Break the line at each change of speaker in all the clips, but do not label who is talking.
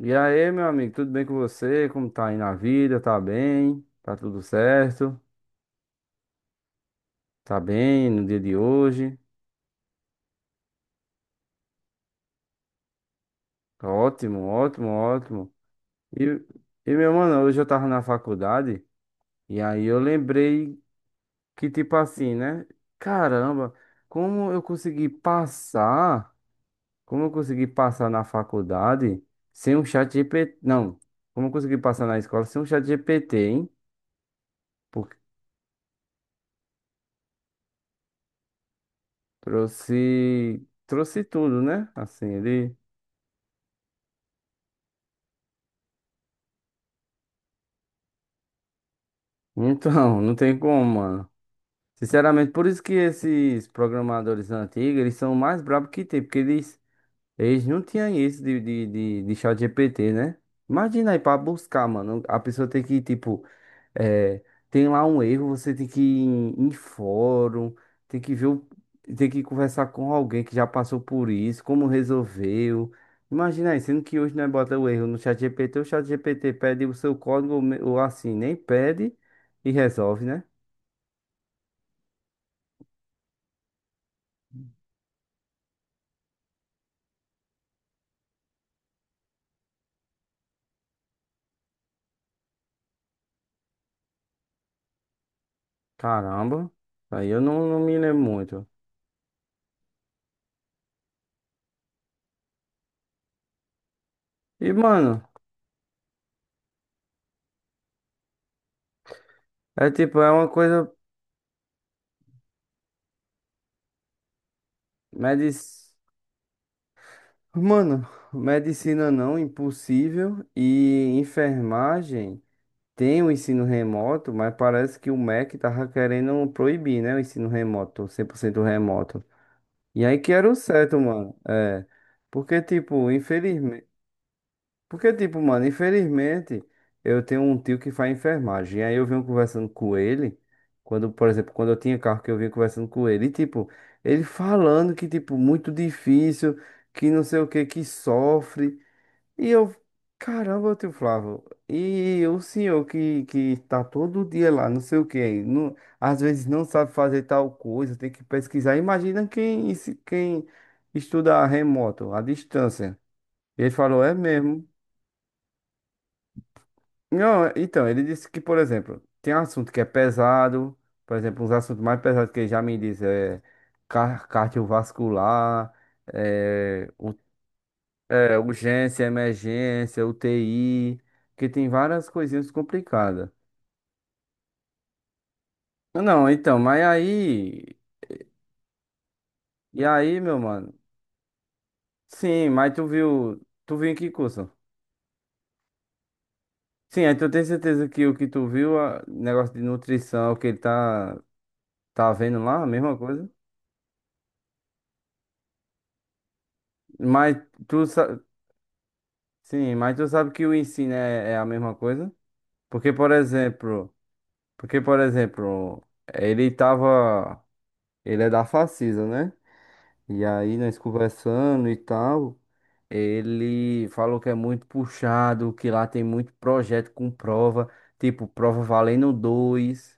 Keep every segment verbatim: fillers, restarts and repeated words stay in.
E aí, meu amigo, tudo bem com você? Como tá aí na vida? Tá bem? Tá tudo certo? Tá bem no dia de hoje? Tá ótimo, ótimo, ótimo. E, e meu mano, hoje eu tava na faculdade e aí eu lembrei que, tipo assim, né? Caramba, como eu consegui passar? Como eu consegui passar na faculdade sem um chat G P T? Não, como eu consegui passar na escola sem um chat G P T, hein? Porque trouxe, trouxe tudo, né? Assim, ele. Então, não tem como, mano. Sinceramente, por isso que esses programadores antigos, eles são o mais brabos que tem, porque eles eles não tinham isso de, de, de, de chat G P T, né? Imagina aí pra buscar, mano. A pessoa tem que, tipo, é, tem lá um erro, você tem que ir em, em fórum, tem que ver, o- tem que conversar com alguém que já passou por isso, como resolveu. Imagina aí, sendo que hoje nós bota o erro no chat G P T, o chat G P T pede o seu código, ou me- ou assim, nem pede e resolve, né? Caramba, aí eu não, não me lembro muito. E, mano, é tipo, é uma coisa. Medis. Mano, medicina não, impossível. E enfermagem tem o ensino remoto, mas parece que o MEC tava querendo proibir, né? O ensino remoto, cem por cento remoto. E aí que era o certo, mano. É. Porque, tipo, infelizmente. Porque, tipo, mano, infelizmente, eu tenho um tio que faz enfermagem. E aí eu venho conversando com ele. Quando, por exemplo, quando eu tinha carro que eu vinha conversando com ele. E, tipo, ele falando que, tipo, muito difícil, que não sei o que, que sofre. E eu, caramba, tio Flávio, e o senhor que, que tá todo dia lá, não sei o quê, não, às vezes não sabe fazer tal coisa, tem que pesquisar. Imagina quem, esse- quem estuda remoto, à distância. E ele falou, é mesmo. Não, é- Então, ele disse que, por exemplo, tem assunto que é pesado, por exemplo, uns assuntos mais pesados que ele já me disse é car- cardiovascular, é, urgência, emergência, U T I, que tem várias coisinhas complicadas. Não, então, mas aí, e aí, meu mano? Sim, mas tu viu, tu viu em que curso? Sim, aí tu tem certeza que o que tu viu, a- negócio de nutrição, o que ele tá, tá vendo lá, a mesma coisa? Mas tu sabe, sim, mas tu sabe que o ensino é, é a mesma coisa? Porque, por exemplo, Porque, por exemplo, ele tava, ele é da Facisa, né? E aí nós conversando e tal, ele falou que é muito puxado, que lá tem muito projeto com prova, tipo prova valendo dois.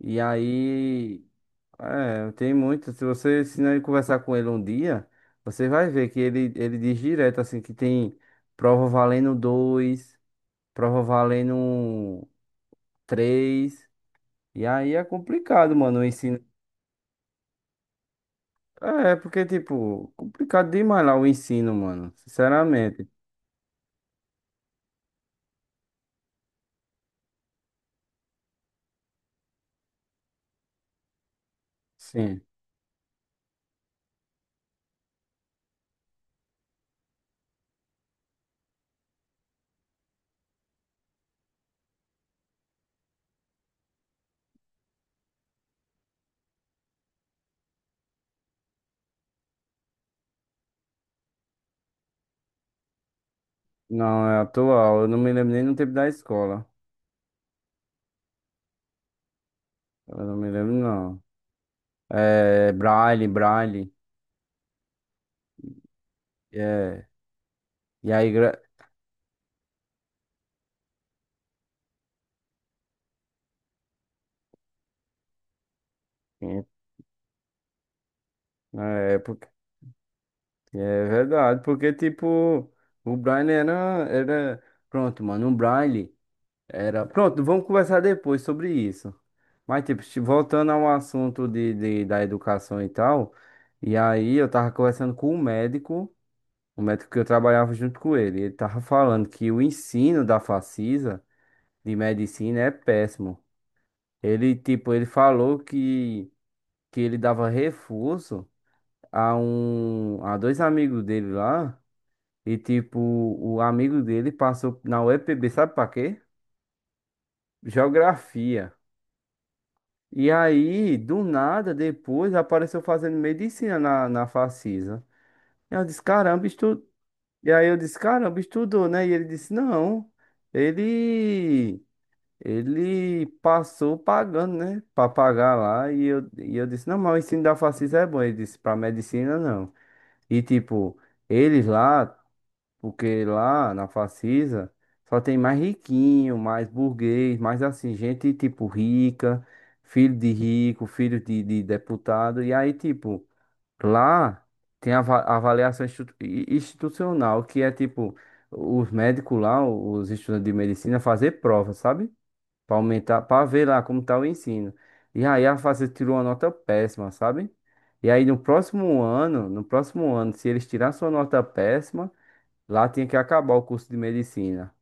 E aí, é, tem muito. Se você se não conversar com ele um dia, você vai ver que ele, ele diz direto assim que tem prova valendo dois, prova valendo três. E aí é complicado, mano, o ensino. É, porque, tipo, complicado demais lá o ensino, mano. Sinceramente. Sim. Não, é atual. Eu não me lembro nem no tempo da escola. Eu não me lembro, não. É Braille, Braille. É. E aí, gra... Sim, na época. É verdade, porque, tipo, o Braille era, era. Pronto, mano, o Braille era. Pronto, vamos conversar depois sobre isso. Mas, tipo, se- voltando ao assunto de, de, da educação e tal. E aí, eu tava conversando com um médico, o médico que eu trabalhava junto com ele. Ele tava falando que o ensino da Facisa de medicina é péssimo. Ele, tipo, ele falou que, que ele dava reforço a um, a dois amigos dele lá, e tipo, o amigo dele passou na U E P B, sabe pra quê? Geografia. E aí, do nada, depois apareceu fazendo medicina na, na Facisa. E eu disse, caramba, estu... E aí eu disse, caramba, estudou, né? E ele disse, não, ele Ele passou pagando, né? Pra pagar lá. E eu, e eu disse, não, mas o ensino da Facisa é bom. Ele disse, pra medicina não. E tipo, eles lá, porque lá na Facisa só tem mais riquinho, mais burguês, mais assim, gente tipo rica, filho de rico, filho de, de deputado. E aí, tipo, lá tem a ava- avaliação institu- i- institucional, que é tipo, os médicos lá, os estudantes de medicina, fazer prova, sabe? Pra aumentar, pra ver lá como tá o ensino. E aí a Facil tirou uma nota péssima, sabe? E aí no próximo ano, no próximo ano, se eles tirassem sua nota péssima, lá tinha que acabar o curso de medicina.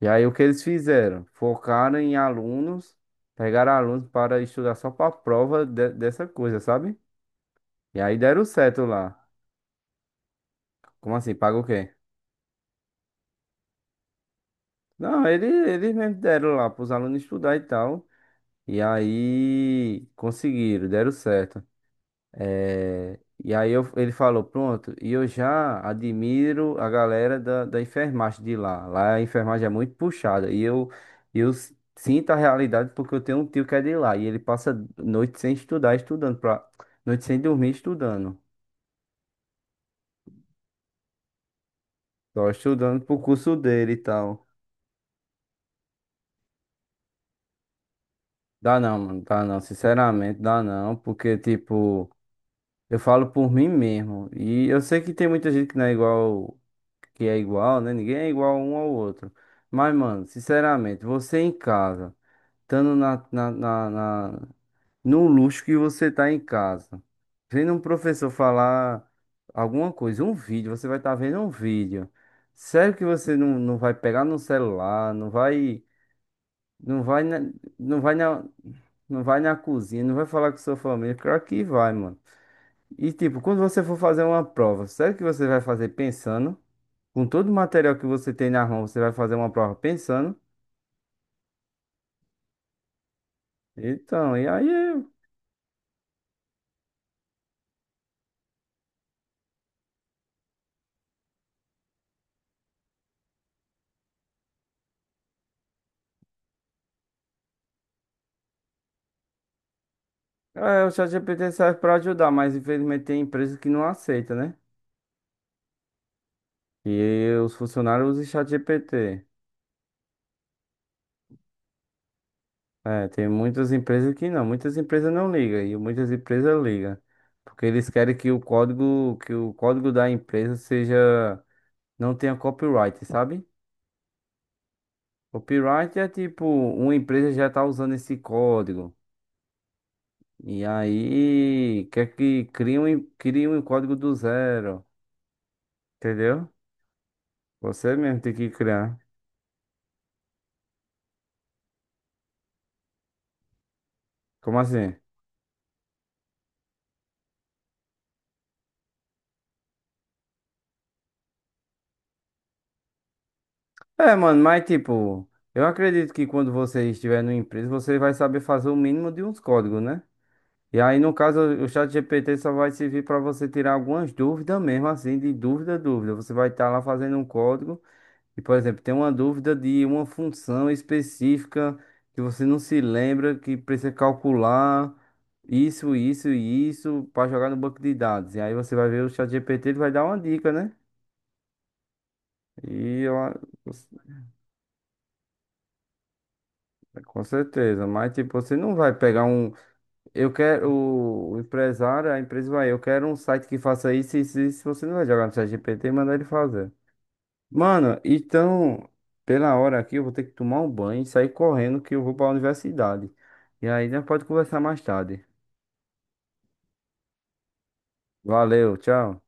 E aí o que eles fizeram? Focaram em alunos, pegaram alunos para estudar só pra prova de- dessa coisa, sabe? E aí deram certo lá. Como assim? Paga o quê? Não, eles, eles mesmo deram lá para os alunos estudar e tal. E aí conseguiram, deram certo. É, e aí eu- ele falou, pronto, e eu já admiro a galera da, da enfermagem de lá. Lá a enfermagem é muito puxada. E eu, eu s- sinto a realidade porque eu tenho um tio que é de lá. E ele passa noite sem estudar, estudando, pra, noite sem dormir, estudando. Só estudando pro curso dele e tal. Dá não, mano, dá não. Sinceramente, dá não. Porque, tipo, eu falo por mim mesmo. E eu sei que tem muita gente que não é igual. Que é igual, né? Ninguém é igual um ao outro. Mas, mano, sinceramente, você em casa, estando na, na, na, na- no luxo que você tá em casa, vendo um professor falar alguma coisa, um vídeo, você vai estar tá vendo um vídeo. Sério que você não, não vai pegar no celular, não vai, não vai, na, não vai na, não vai na cozinha, não vai falar com sua família, claro que vai, mano. E tipo, quando você for fazer uma prova, sério que você vai fazer pensando? Com todo o material que você tem na mão, você vai fazer uma prova pensando. Então, e aí, é, o ChatGPT serve para ajudar, mas infelizmente tem empresas que não aceitam, né? E os funcionários usam ChatGPT. É, tem muitas empresas que não, muitas empresas não ligam e muitas empresas ligam, porque eles querem que o código, que o código da empresa seja, não tenha copyright, sabe? Copyright é tipo, uma empresa já tá usando esse código. E aí, quer que crie um, crie um código do zero, entendeu? Você mesmo tem que criar. Como assim? É, mano, mas tipo, eu acredito que quando você estiver numa empresa, você vai saber fazer o mínimo de uns códigos, né? E aí, no caso, o chat G P T só vai servir para você tirar algumas dúvidas mesmo, assim, de dúvida, dúvida. Você vai estar lá fazendo um código e, por exemplo, tem uma dúvida de uma função específica que você não se lembra, que precisa calcular isso, isso e isso para jogar no banco de dados. E aí você vai ver o chat G P T ele vai dar uma dica, né? E eu, a- com certeza, mas tipo, você não vai pegar um. Eu quero o o empresário, a empresa vai, eu quero um site que faça isso, isso, isso. Você não vai jogar no chat G P T e mandar ele fazer. Mano, então, pela hora aqui, eu vou ter que tomar um banho e sair correndo que eu vou pra universidade. E aí, né, pode conversar mais tarde. Valeu, tchau.